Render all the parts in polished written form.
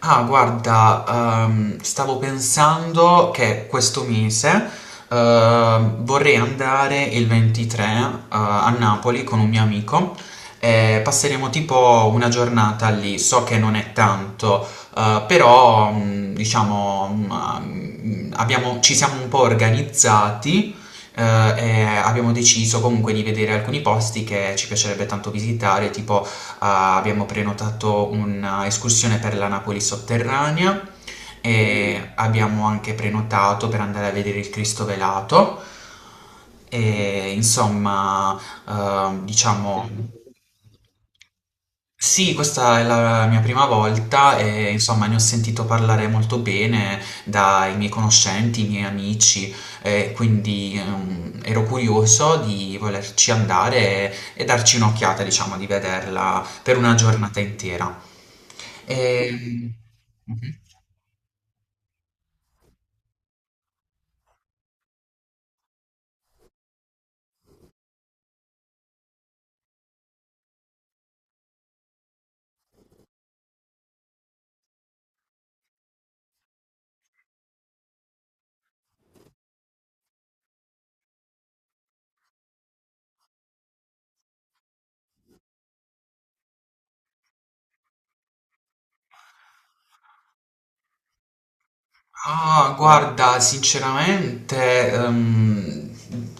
Ah, guarda, stavo pensando che questo mese vorrei andare il 23 a Napoli con un mio amico e passeremo tipo una giornata lì. So che non è tanto, però diciamo ci siamo un po' organizzati eh, e abbiamo deciso comunque di vedere alcuni posti che ci piacerebbe tanto visitare, tipo. Ah, abbiamo prenotato un'escursione per la Napoli sotterranea e abbiamo anche prenotato per andare a vedere il Cristo velato. E insomma, diciamo, sì, questa è la mia prima volta e insomma ne ho sentito parlare molto bene dai miei conoscenti, i miei amici, e quindi ero curioso di volerci andare e darci un'occhiata, diciamo, di vederla per una giornata intera. Ehm, mhm. Ah, guarda, sinceramente,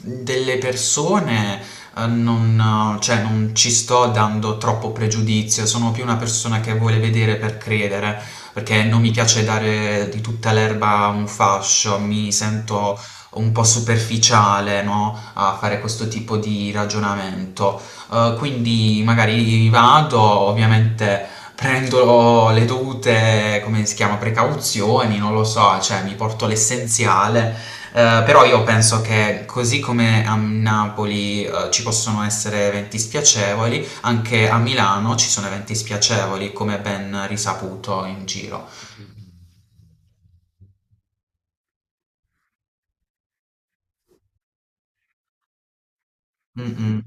delle persone non, cioè, non ci sto dando troppo pregiudizio, sono più una persona che vuole vedere per credere, perché non mi piace dare di tutta l'erba un fascio, mi sento un po' superficiale, no, a fare questo tipo di ragionamento. Quindi magari vado, ovviamente prendo le dovute, come si chiama, precauzioni, non lo so, cioè mi porto l'essenziale. Però io penso che così come a Napoli ci possono essere eventi spiacevoli, anche a Milano ci sono eventi spiacevoli, come ben risaputo in giro. Mm-mm.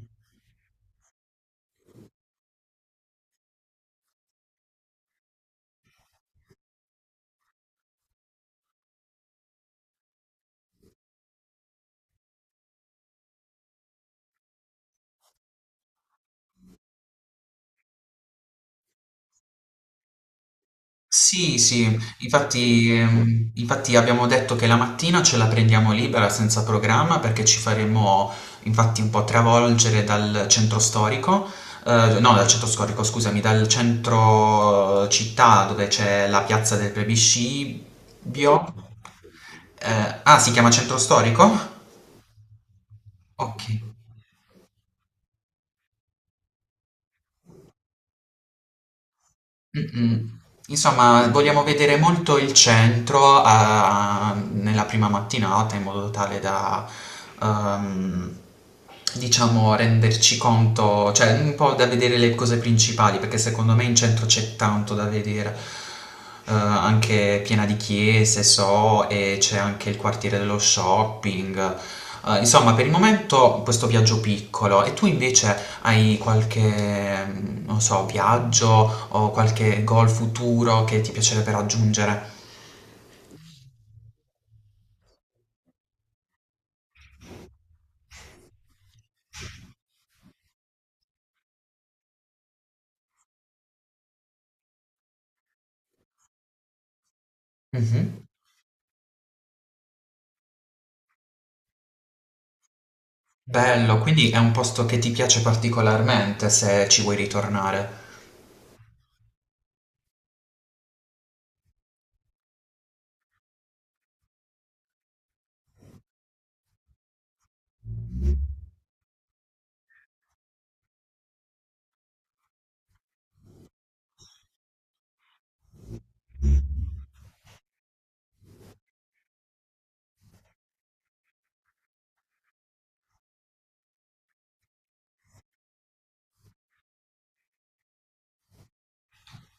Sì, sì, infatti abbiamo detto che la mattina ce la prendiamo libera senza programma perché ci faremo infatti un po' travolgere dal centro storico, no, dal centro storico, scusami, dal centro città dove c'è la piazza del Plebiscibio. Ah, si chiama centro storico? Ok. Mm-mm. Insomma, vogliamo vedere molto il centro nella prima mattinata in modo tale da, ehm, diciamo, renderci conto, cioè un po' da vedere le cose principali, perché secondo me in centro c'è tanto da vedere. Anche piena di chiese, so, e c'è anche il quartiere dello shopping. Insomma, per il momento questo viaggio piccolo. E tu invece hai qualche, non so, viaggio o qualche goal futuro che ti piacerebbe raggiungere? Mh-mh. Bello, quindi è un posto che ti piace particolarmente se ci vuoi ritornare.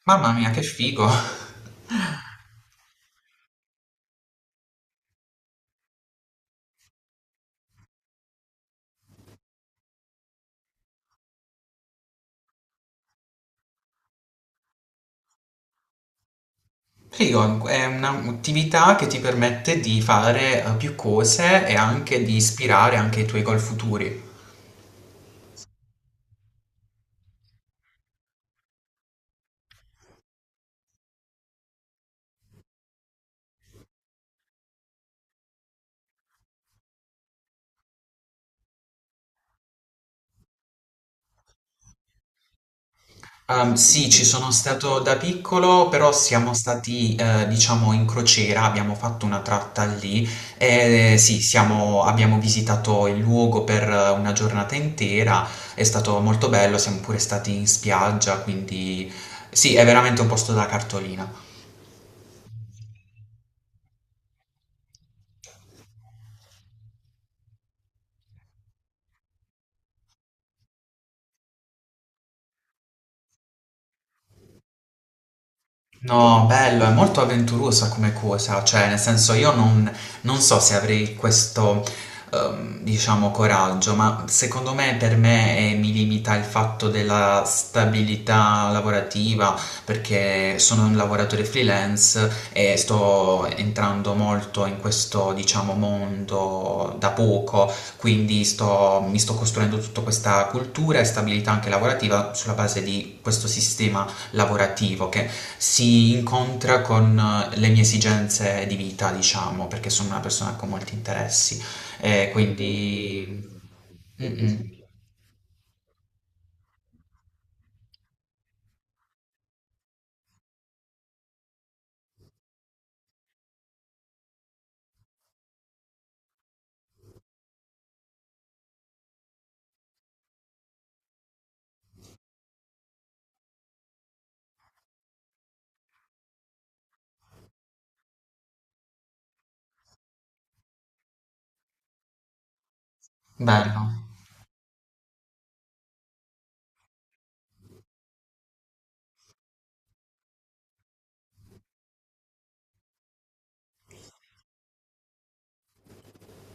Mamma mia, che figo! Figo, è un'attività che ti permette di fare, più cose e anche di ispirare anche i tuoi goal futuri. Sì, ci sono stato da piccolo, però siamo stati, diciamo, in crociera, abbiamo fatto una tratta lì e sì, abbiamo visitato il luogo per una giornata intera, è stato molto bello, siamo pure stati in spiaggia, quindi sì, è veramente un posto da cartolina. No, bello, è molto avventurosa come cosa, cioè nel senso io non so se avrei questo, diciamo, coraggio, ma secondo me per me mi limita il fatto della stabilità lavorativa, perché sono un lavoratore freelance e sto entrando molto in questo, diciamo, mondo da poco, quindi mi sto costruendo tutta questa cultura e stabilità anche lavorativa sulla base di questo sistema lavorativo che si incontra con le mie esigenze di vita, diciamo, perché sono una persona con molti interessi e quindi. Mm-mm. Bello.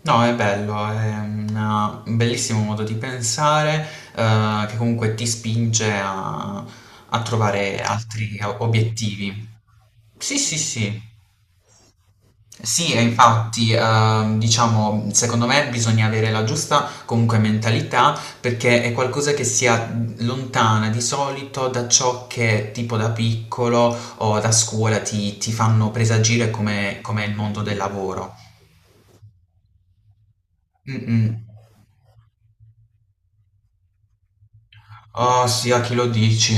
No, è bello, è un bellissimo modo di pensare, che comunque ti spinge a trovare altri obiettivi. Sì, sì, sì. Sì, e infatti, diciamo, secondo me bisogna avere la giusta comunque mentalità perché è qualcosa che sia lontana di solito da ciò che tipo da piccolo o da scuola ti fanno presagire come, come è il mondo del lavoro. Mm-mm. Oh sì, a chi lo dici?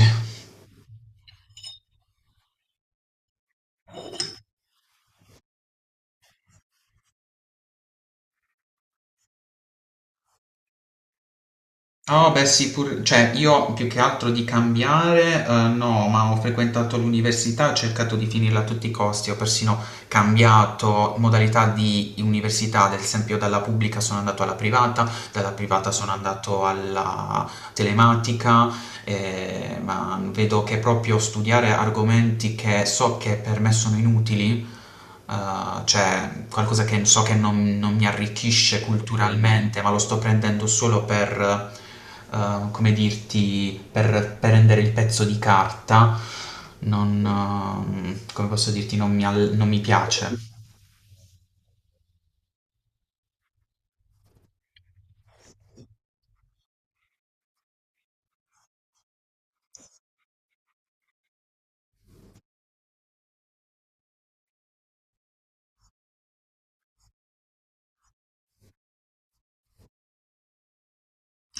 No, beh sì, cioè io più che altro di cambiare, no, ma ho frequentato l'università, ho cercato di finirla a tutti i costi, ho persino cambiato modalità di università, ad esempio dalla pubblica sono andato alla privata, dalla privata sono andato alla telematica, ma vedo che proprio studiare argomenti che so che per me sono inutili, eh, cioè qualcosa che so che non mi arricchisce culturalmente, ma lo sto prendendo solo per, eh, come dirti, per prendere il pezzo di carta, non, come posso dirti, non mi piace.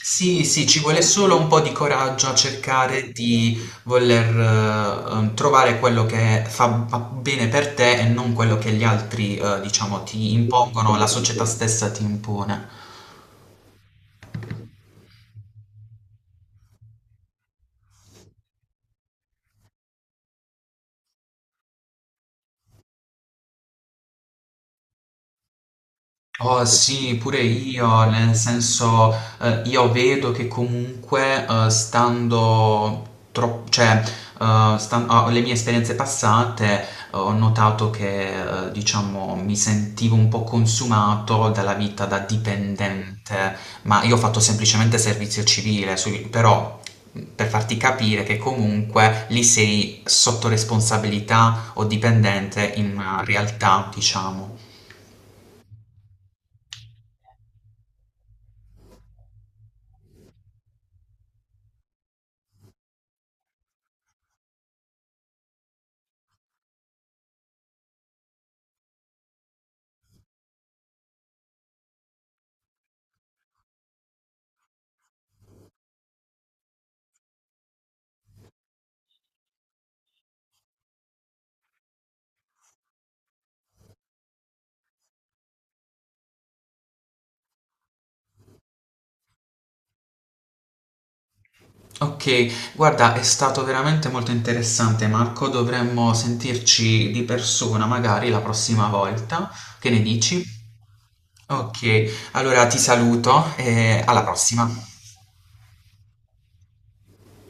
Sì, sì, ci vuole solo un po' di coraggio a cercare di voler, trovare quello che fa bene per te e non quello che gli altri, diciamo, ti impongono, la società stessa ti impone. Oh sì, pure io, nel senso io vedo che comunque stando troppo, cioè le mie esperienze passate ho notato che diciamo mi sentivo un po' consumato dalla vita da dipendente, ma io ho fatto semplicemente servizio civile, però per farti capire che comunque lì sei sotto responsabilità o dipendente in una realtà, diciamo. Ok, guarda, è stato veramente molto interessante, Marco. Dovremmo sentirci di persona magari la prossima volta. Che ne dici? Ok, allora ti saluto e alla prossima.